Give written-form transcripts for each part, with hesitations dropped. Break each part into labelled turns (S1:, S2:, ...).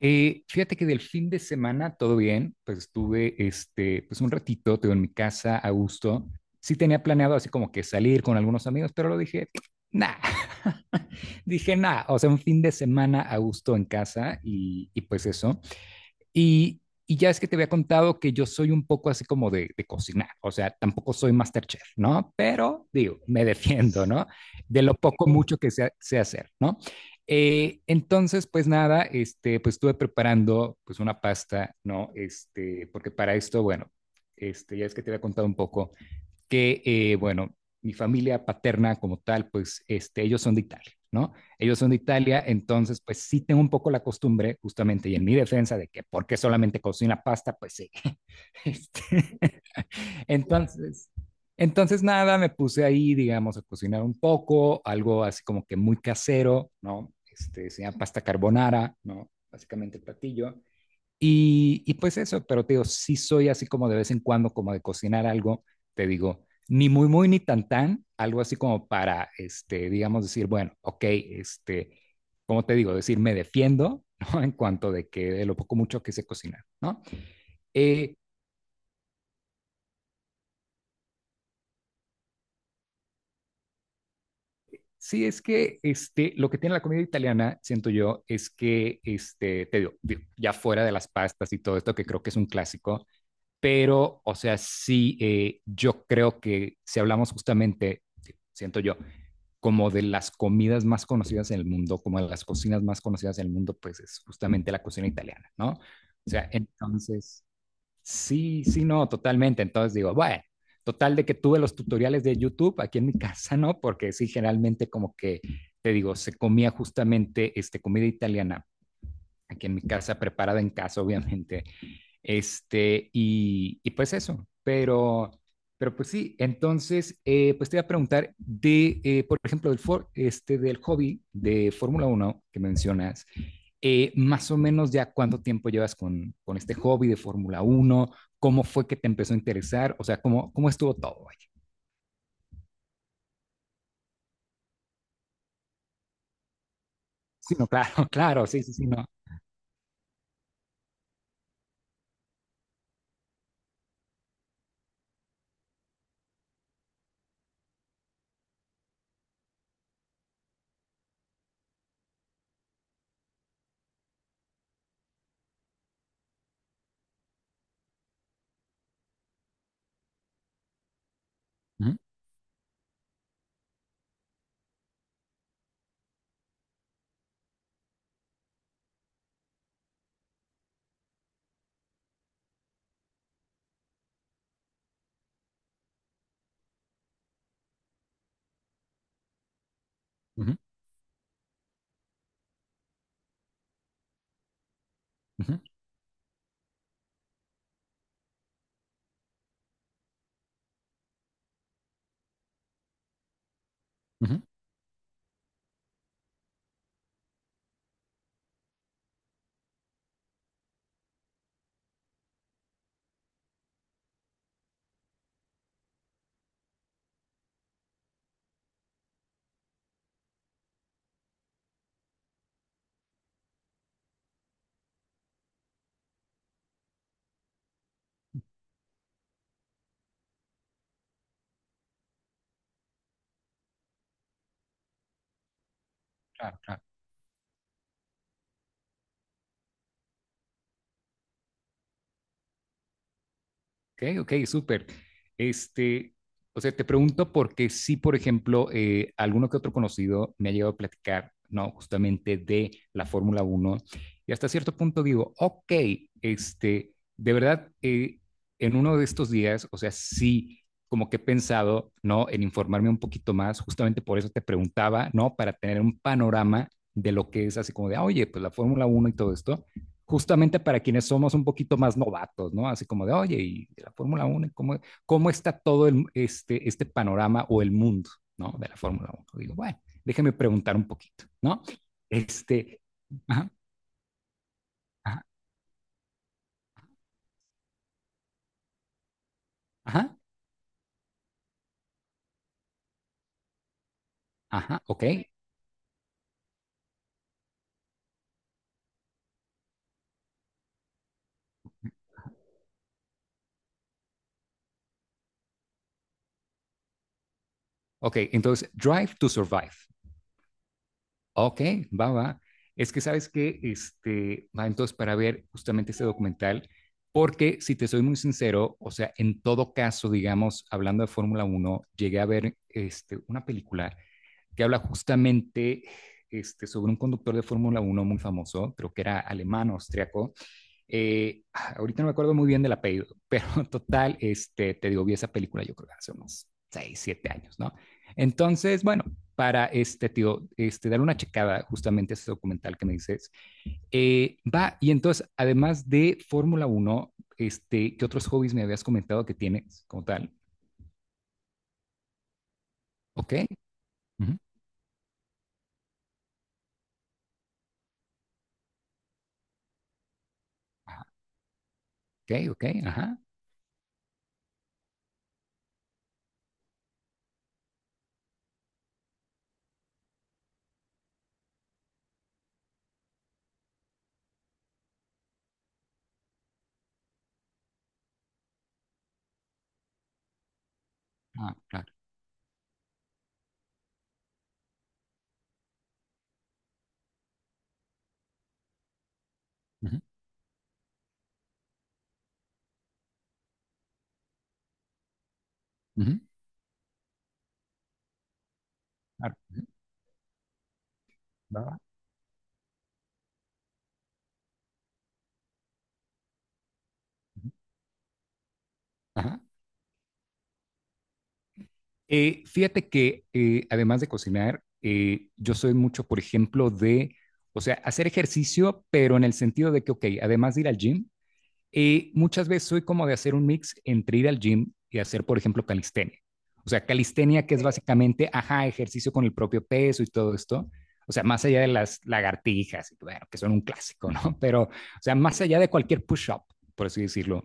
S1: Fíjate que del fin de semana todo bien, pues estuve pues un ratito, tengo en mi casa a gusto. Sí tenía planeado así como que salir con algunos amigos, pero lo dije, nah, dije nah, o sea, un fin de semana a gusto en casa y pues eso. Y, y ya es que te había contado que yo soy un poco así como de cocinar, o sea, tampoco soy masterchef, ¿no? Pero digo, me defiendo, ¿no? De lo poco, mucho que sé, sé hacer, ¿no? Entonces, pues nada, pues estuve preparando pues una pasta, ¿no? Este, porque para esto, bueno, ya es que te había contado un poco que, bueno, mi familia paterna como tal, pues ellos son de Italia, ¿no? Ellos son de Italia, entonces pues sí tengo un poco la costumbre justamente y en mi defensa de que porque solamente cocina pasta, pues sí. Este, entonces, entonces nada, me puse ahí, digamos, a cocinar un poco, algo así como que muy casero, ¿no? Este, se llama pasta carbonara, ¿no? Básicamente el platillo. Y pues eso, pero te digo, sí soy así como de vez en cuando, como de cocinar algo, te digo, ni muy, muy, ni tan, tan, algo así como para, este, digamos, decir, bueno, ok, este, como te digo, decir, me defiendo, ¿no? En cuanto de que de lo poco mucho que sé cocinar, ¿no? Eh, sí, es que, este, lo que tiene la comida italiana, siento yo, es que, este, te digo, digo, ya fuera de las pastas y todo esto, que creo que es un clásico, pero, o sea, sí, yo creo que si hablamos justamente, siento yo, como de las comidas más conocidas en el mundo, como de las cocinas más conocidas en el mundo, pues es justamente la cocina italiana, ¿no? O sea, entonces, sí, sí, no, totalmente. Entonces digo, bueno, total de que tuve los tutoriales de YouTube aquí en mi casa, ¿no? Porque sí, generalmente como que, te digo, se comía justamente comida italiana aquí en mi casa, preparada en casa, obviamente. Este, y pues eso, pero pues sí, entonces, pues te voy a preguntar de, por ejemplo, este, del hobby de Fórmula Uno que mencionas, más o menos ya cuánto tiempo llevas con este hobby de Fórmula Uno, cómo fue que te empezó a interesar, o sea, cómo, cómo estuvo todo, vaya. Sí, no, claro, claro, sí, sí, sí, no. Ujú, ujú, ujú, ujú, claro, claro. Ok, ok, súper. Este, o sea, te pregunto porque sí, por ejemplo, alguno que otro conocido me ha llegado a platicar, ¿no? Justamente de la Fórmula Uno y hasta cierto punto digo, ok, este, de verdad, en uno de estos días, o sea, sí, como que he pensado, ¿no? En informarme un poquito más, justamente por eso te preguntaba, ¿no? Para tener un panorama de lo que es así como de, ah, oye, pues la Fórmula Uno y todo esto justamente para quienes somos un poquito más novatos, ¿no? Así como de, oye, ¿y de la Fórmula Uno, ¿cómo, cómo está todo el, este panorama o el mundo, ¿no? De la Fórmula Uno. Digo, bueno, déjeme preguntar un poquito, ¿no? Este, ajá, ajá, ajá, ajá, ok, ok. Entonces, Drive to Survive. Ok, va, va. Es que sabes que, este, va entonces para ver justamente este documental, porque si te soy muy sincero, o sea, en todo caso, digamos, hablando de Fórmula uno, llegué a ver una película que habla justamente sobre un conductor de Fórmula uno muy famoso, creo que era alemán, austriaco, ahorita no me acuerdo muy bien del apellido, pero total, este, te digo, vi esa película yo creo que hace unos 6 o 7 años, ¿no? Entonces, bueno, para este tío, este, dar una checada justamente a ese documental que me dices, va, y entonces, además de Fórmula uno, este, ¿qué otros hobbies me habías comentado que tienes como tal? Ok, ujú, ajá, ok, ok, ajá, ah, claro, ujú, ujú, claro, ujú, va, va, ujú, ajá. Fíjate que además de cocinar, yo soy mucho, por ejemplo, o sea, hacer ejercicio, pero en el sentido de que, ok, además de ir al gym, muchas veces soy como de hacer un mix entre ir al gym y hacer, por ejemplo, calistenia. O sea, calistenia que es básicamente, ajá, ejercicio con el propio peso y todo esto. O sea, más allá de las lagartijas, bueno, que son un clásico, ¿no? Pero, o sea, más allá de cualquier push-up, por así decirlo,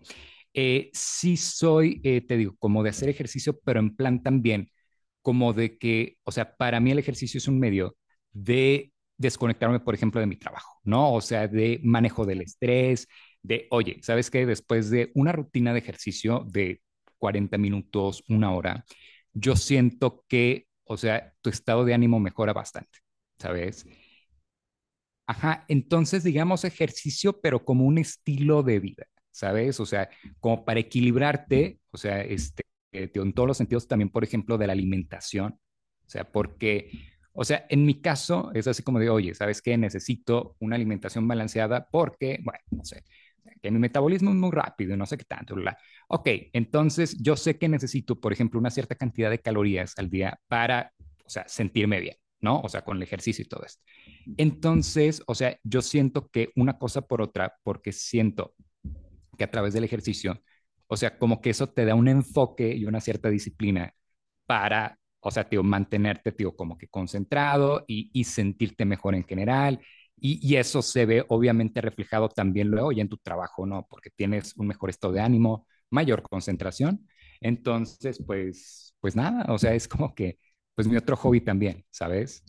S1: sí soy, te digo, como de hacer ejercicio, pero en plan también, como de que, o sea, para mí el ejercicio es un medio de desconectarme, por ejemplo, de mi trabajo, ¿no? O sea, de manejo del estrés, de, oye, ¿sabes qué? Después de una rutina de ejercicio de 40 minutos, una hora, yo siento que, o sea, tu estado de ánimo mejora bastante, ¿sabes? Ajá, entonces digamos ejercicio, pero como un estilo de vida, ¿sabes? O sea, como para equilibrarte, o sea, este, tío, en todos los sentidos también, por ejemplo, de la alimentación, o sea, porque, o sea, en mi caso es así como de, oye, ¿sabes qué? Necesito una alimentación balanceada porque, bueno, no sé, que mi metabolismo es muy rápido, no sé qué tanto, bla. Ok, entonces yo sé que necesito, por ejemplo, una cierta cantidad de calorías al día para, o sea, sentirme bien, ¿no? O sea, con el ejercicio y todo eso. Entonces, o sea, yo siento que una cosa por otra, porque siento que a través del ejercicio, o sea, como que eso te da un enfoque y una cierta disciplina para, o sea, tío, mantenerte, tío, como que concentrado y sentirte mejor en general. Eso se ve obviamente reflejado también luego ya en tu trabajo, ¿no? Porque tienes un mejor estado de ánimo, mayor concentración. Entonces, pues, pues nada, o sea, es como que, pues mi otro hobby también, ¿sabes?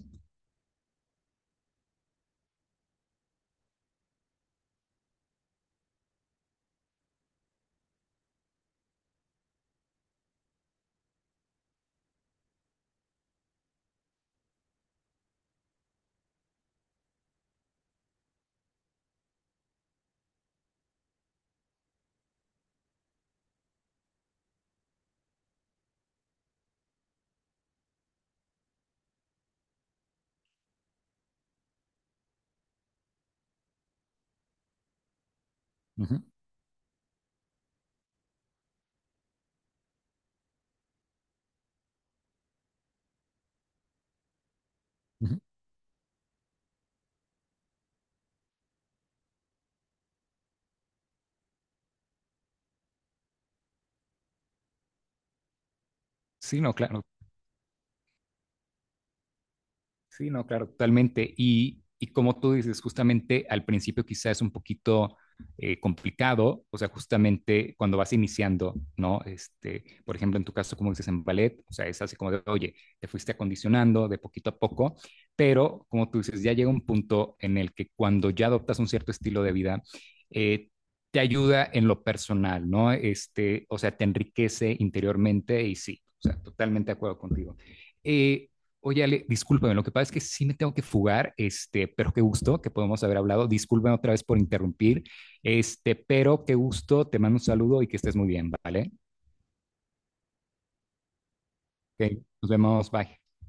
S1: Uh -huh, uh -huh. Sí, no, claro. Sí, no, claro, totalmente. Y como tú dices, justamente al principio quizás es un poquito complicado, o sea, justamente cuando vas iniciando, ¿no? Este, por ejemplo, en tu caso, como dices en ballet, o sea, es así como de, oye, te fuiste acondicionando de poquito a poco, pero como tú dices, ya llega un punto en el que cuando ya adoptas un cierto estilo de vida, eh, te ayuda en lo personal, ¿no? Este, o sea, te enriquece interiormente y sí, o sea, totalmente de acuerdo contigo. Eh, Oye, Ale, discúlpame, lo que pasa es que sí me tengo que fugar, este, pero qué gusto que podemos haber hablado. Discúlpame otra vez por interrumpir, este, pero qué gusto, te mando un saludo y que estés muy bien, ¿vale? Ok, nos vemos, bye.